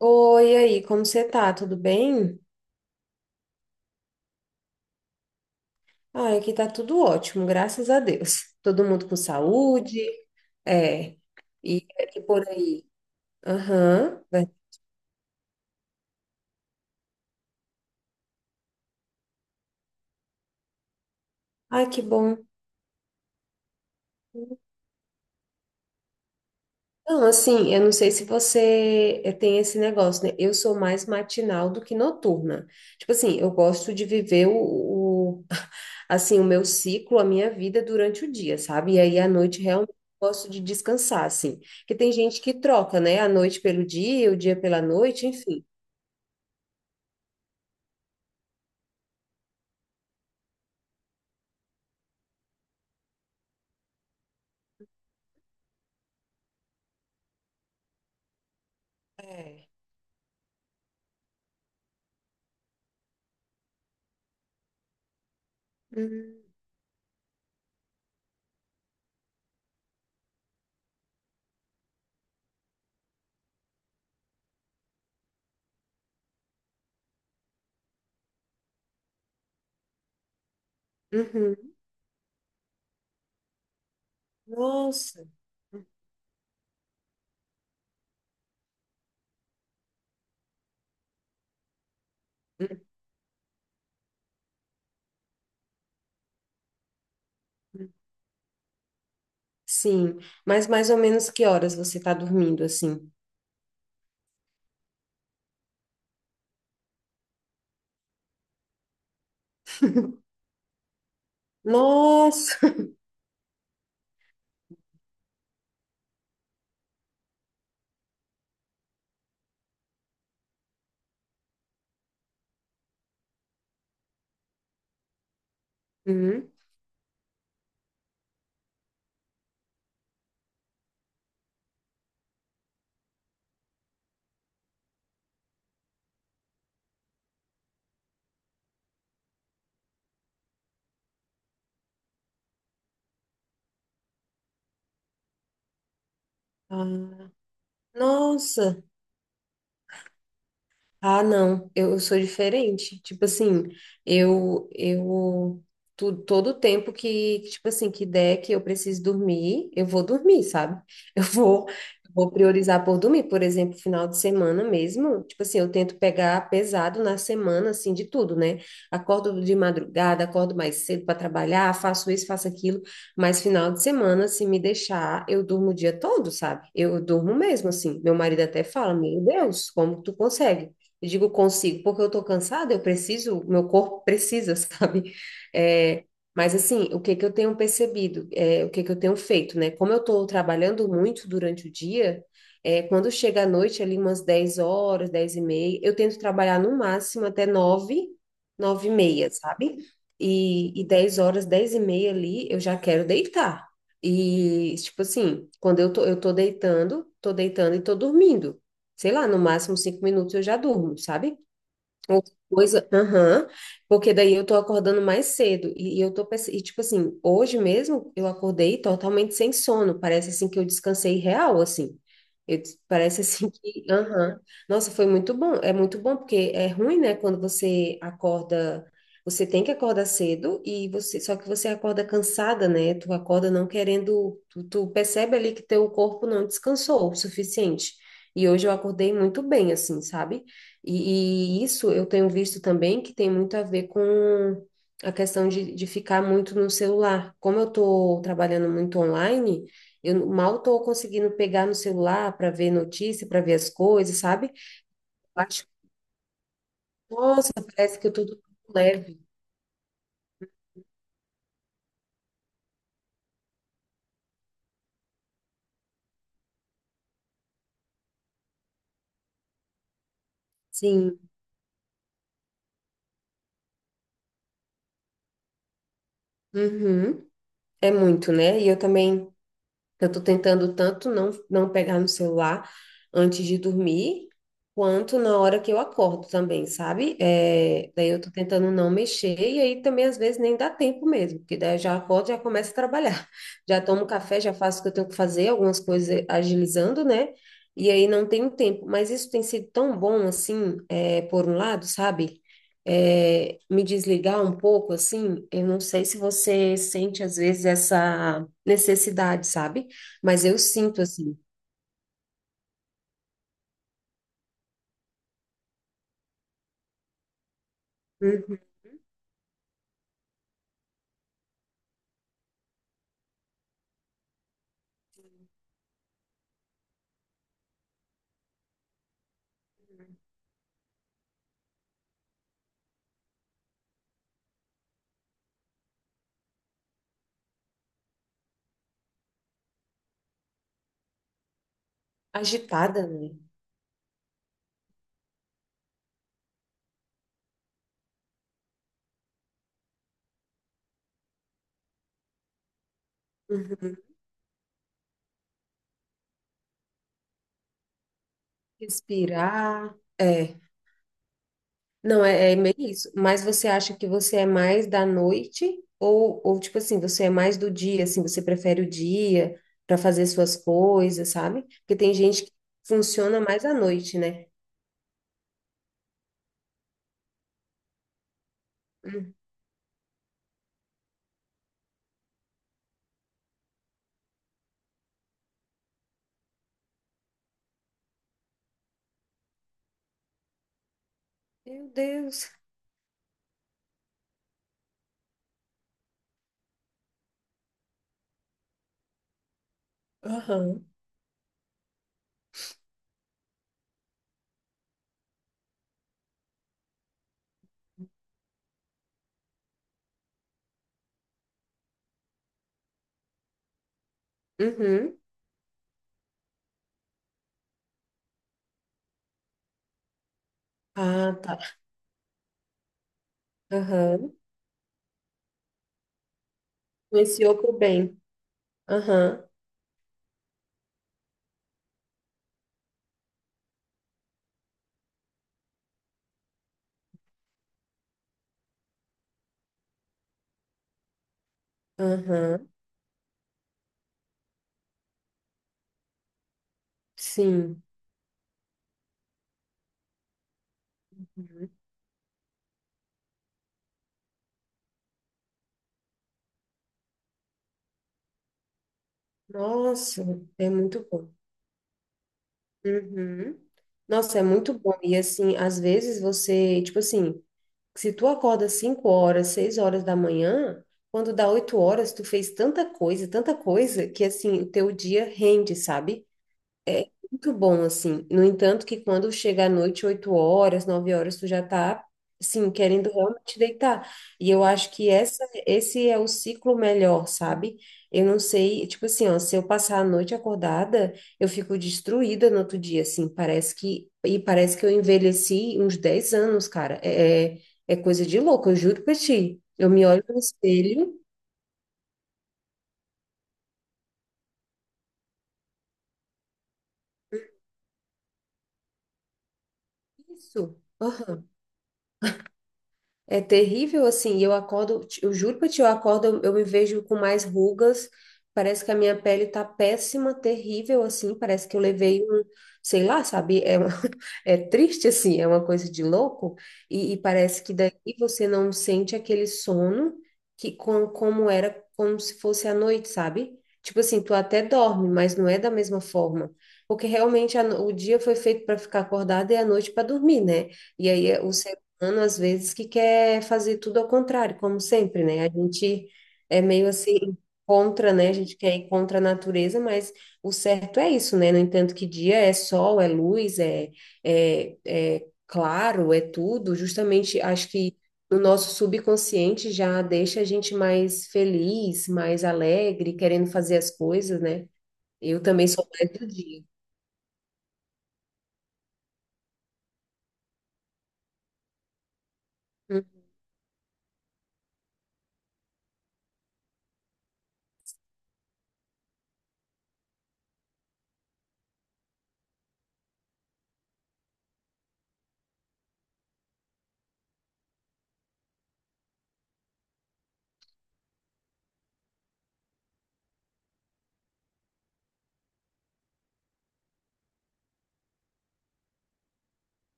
Oi, e aí, como você tá? Tudo bem? Ah, aqui tá tudo ótimo, graças a Deus. Todo mundo com saúde, é, e aqui por aí. Aham, vai. Ai, que bom. Não, assim, eu não sei se você tem esse negócio, né? Eu sou mais matinal do que noturna. Tipo assim, eu gosto de viver o assim, o meu ciclo, a minha vida durante o dia, sabe? E aí à noite realmente eu gosto de descansar, assim. Porque tem gente que troca, né? A noite pelo dia, o dia pela noite, enfim. É. Uhum. Uhum. Nossa. Uhum. Sim. Mas mais ou menos que horas você tá dormindo, assim? Nossa. Uhum. Ah, nossa. Ah, não, eu sou diferente. Tipo assim, eu todo o tempo que, tipo assim, que der que eu preciso dormir, eu vou dormir, sabe? Eu vou eu vou priorizar por dormir, por exemplo, final de semana mesmo. Tipo assim, eu tento pegar pesado na semana assim de tudo, né? Acordo de madrugada, acordo mais cedo para trabalhar, faço isso, faço aquilo, mas final de semana, se me deixar, eu durmo o dia todo, sabe? Eu durmo mesmo assim. Meu marido até fala: "Meu Deus, como tu consegue?" Eu digo consigo, porque eu tô cansada, eu preciso, meu corpo precisa, sabe? É, mas assim, o que que eu tenho percebido, é, o que que eu tenho feito, né? Como eu tô trabalhando muito durante o dia, é, quando chega à noite, ali umas 10 horas, 10h30, eu tento trabalhar no máximo até nove e meia, sabe? 10 horas, 10h30 ali, eu já quero deitar. E, tipo assim, quando eu tô deitando e tô dormindo sei lá, no máximo 5 minutos eu já durmo, sabe? Outra coisa, aham, porque daí eu tô acordando mais cedo e tipo assim, hoje mesmo eu acordei totalmente sem sono, parece assim que eu descansei real, assim, parece assim que, aham, nossa, foi muito bom, é muito bom, porque é ruim, né, quando você acorda, você tem que acordar cedo e você, só que você acorda cansada, né, tu acorda não querendo, tu percebe ali que teu corpo não descansou o suficiente, e hoje eu acordei muito bem, assim, sabe? Isso eu tenho visto também que tem muito a ver com a questão de ficar muito no celular. Como eu estou trabalhando muito online, eu mal estou conseguindo pegar no celular para ver notícia, para ver as coisas, sabe? Eu acho, nossa, parece que eu estou leve. Sim. Uhum. É muito, né? E eu também. Eu tô tentando tanto não pegar no celular antes de dormir, quanto na hora que eu acordo também, sabe? É, daí eu tô tentando não mexer, e aí também às vezes nem dá tempo mesmo, porque daí eu já acordo, já começo a trabalhar. Já tomo café, já faço o que eu tenho que fazer, algumas coisas agilizando, né? E aí não tenho tempo. Mas isso tem sido tão bom, assim, é, por um lado, sabe? É, me desligar um pouco, assim, eu não sei se você sente às vezes essa necessidade, sabe? Mas eu sinto assim, uhum, agitada, né? Uhum. Respirar. É. Não, é, é meio isso. Mas você acha que você é mais da noite? Ou, tipo assim, você é mais do dia, assim, você prefere o dia para fazer suas coisas, sabe? Porque tem gente que funciona mais à noite, né? Hum. Meu Deus. Aham. Uhum. Ah, tá. Aham. Influenciou pro bem. Aham. Aham. Sim. Uhum. Nossa, é muito bom. Uhum. Nossa, é muito bom. E assim, às vezes você, tipo assim, se tu acorda 5 horas, 6 horas da manhã, quando dá 8 horas, tu fez tanta coisa, que assim, o teu dia rende, sabe? Muito bom, assim. No entanto, que quando chega à noite, 8 horas, 9 horas, tu já tá, assim, querendo realmente deitar. E eu acho que esse é o ciclo melhor, sabe? Eu não sei, tipo assim, ó, se eu passar a noite acordada, eu fico destruída no outro dia, assim, parece que, e parece que eu envelheci uns 10 anos, cara. É coisa de louco, eu juro pra ti. Eu me olho no espelho, isso. Aham. É terrível, assim, e eu acordo, eu juro pra ti, eu acordo, eu me vejo com mais rugas, parece que a minha pele tá péssima, terrível, assim, parece que eu levei um, sei lá, sabe, é, é triste, assim, é uma coisa de louco, e parece que daí você não sente aquele sono que como era, como se fosse à noite, sabe? Tipo assim, tu até dorme, mas não é da mesma forma, porque realmente a no- o dia foi feito para ficar acordado e a noite para dormir, né? E aí é, o humano, às vezes, que quer fazer tudo ao contrário, como sempre, né? A gente é meio assim contra, né? A gente quer ir contra a natureza, mas o certo é isso, né? No entanto, que dia é sol, é luz, é claro, é tudo. Justamente, acho que o nosso subconsciente já deixa a gente mais feliz, mais alegre, querendo fazer as coisas, né? Eu também sou mais do dia.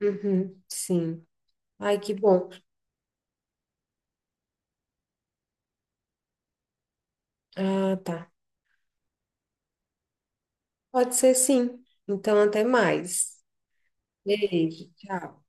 Uhum, sim. Ai, que bom. Ah, tá. Pode ser sim. Então, até mais. Beijo, tchau.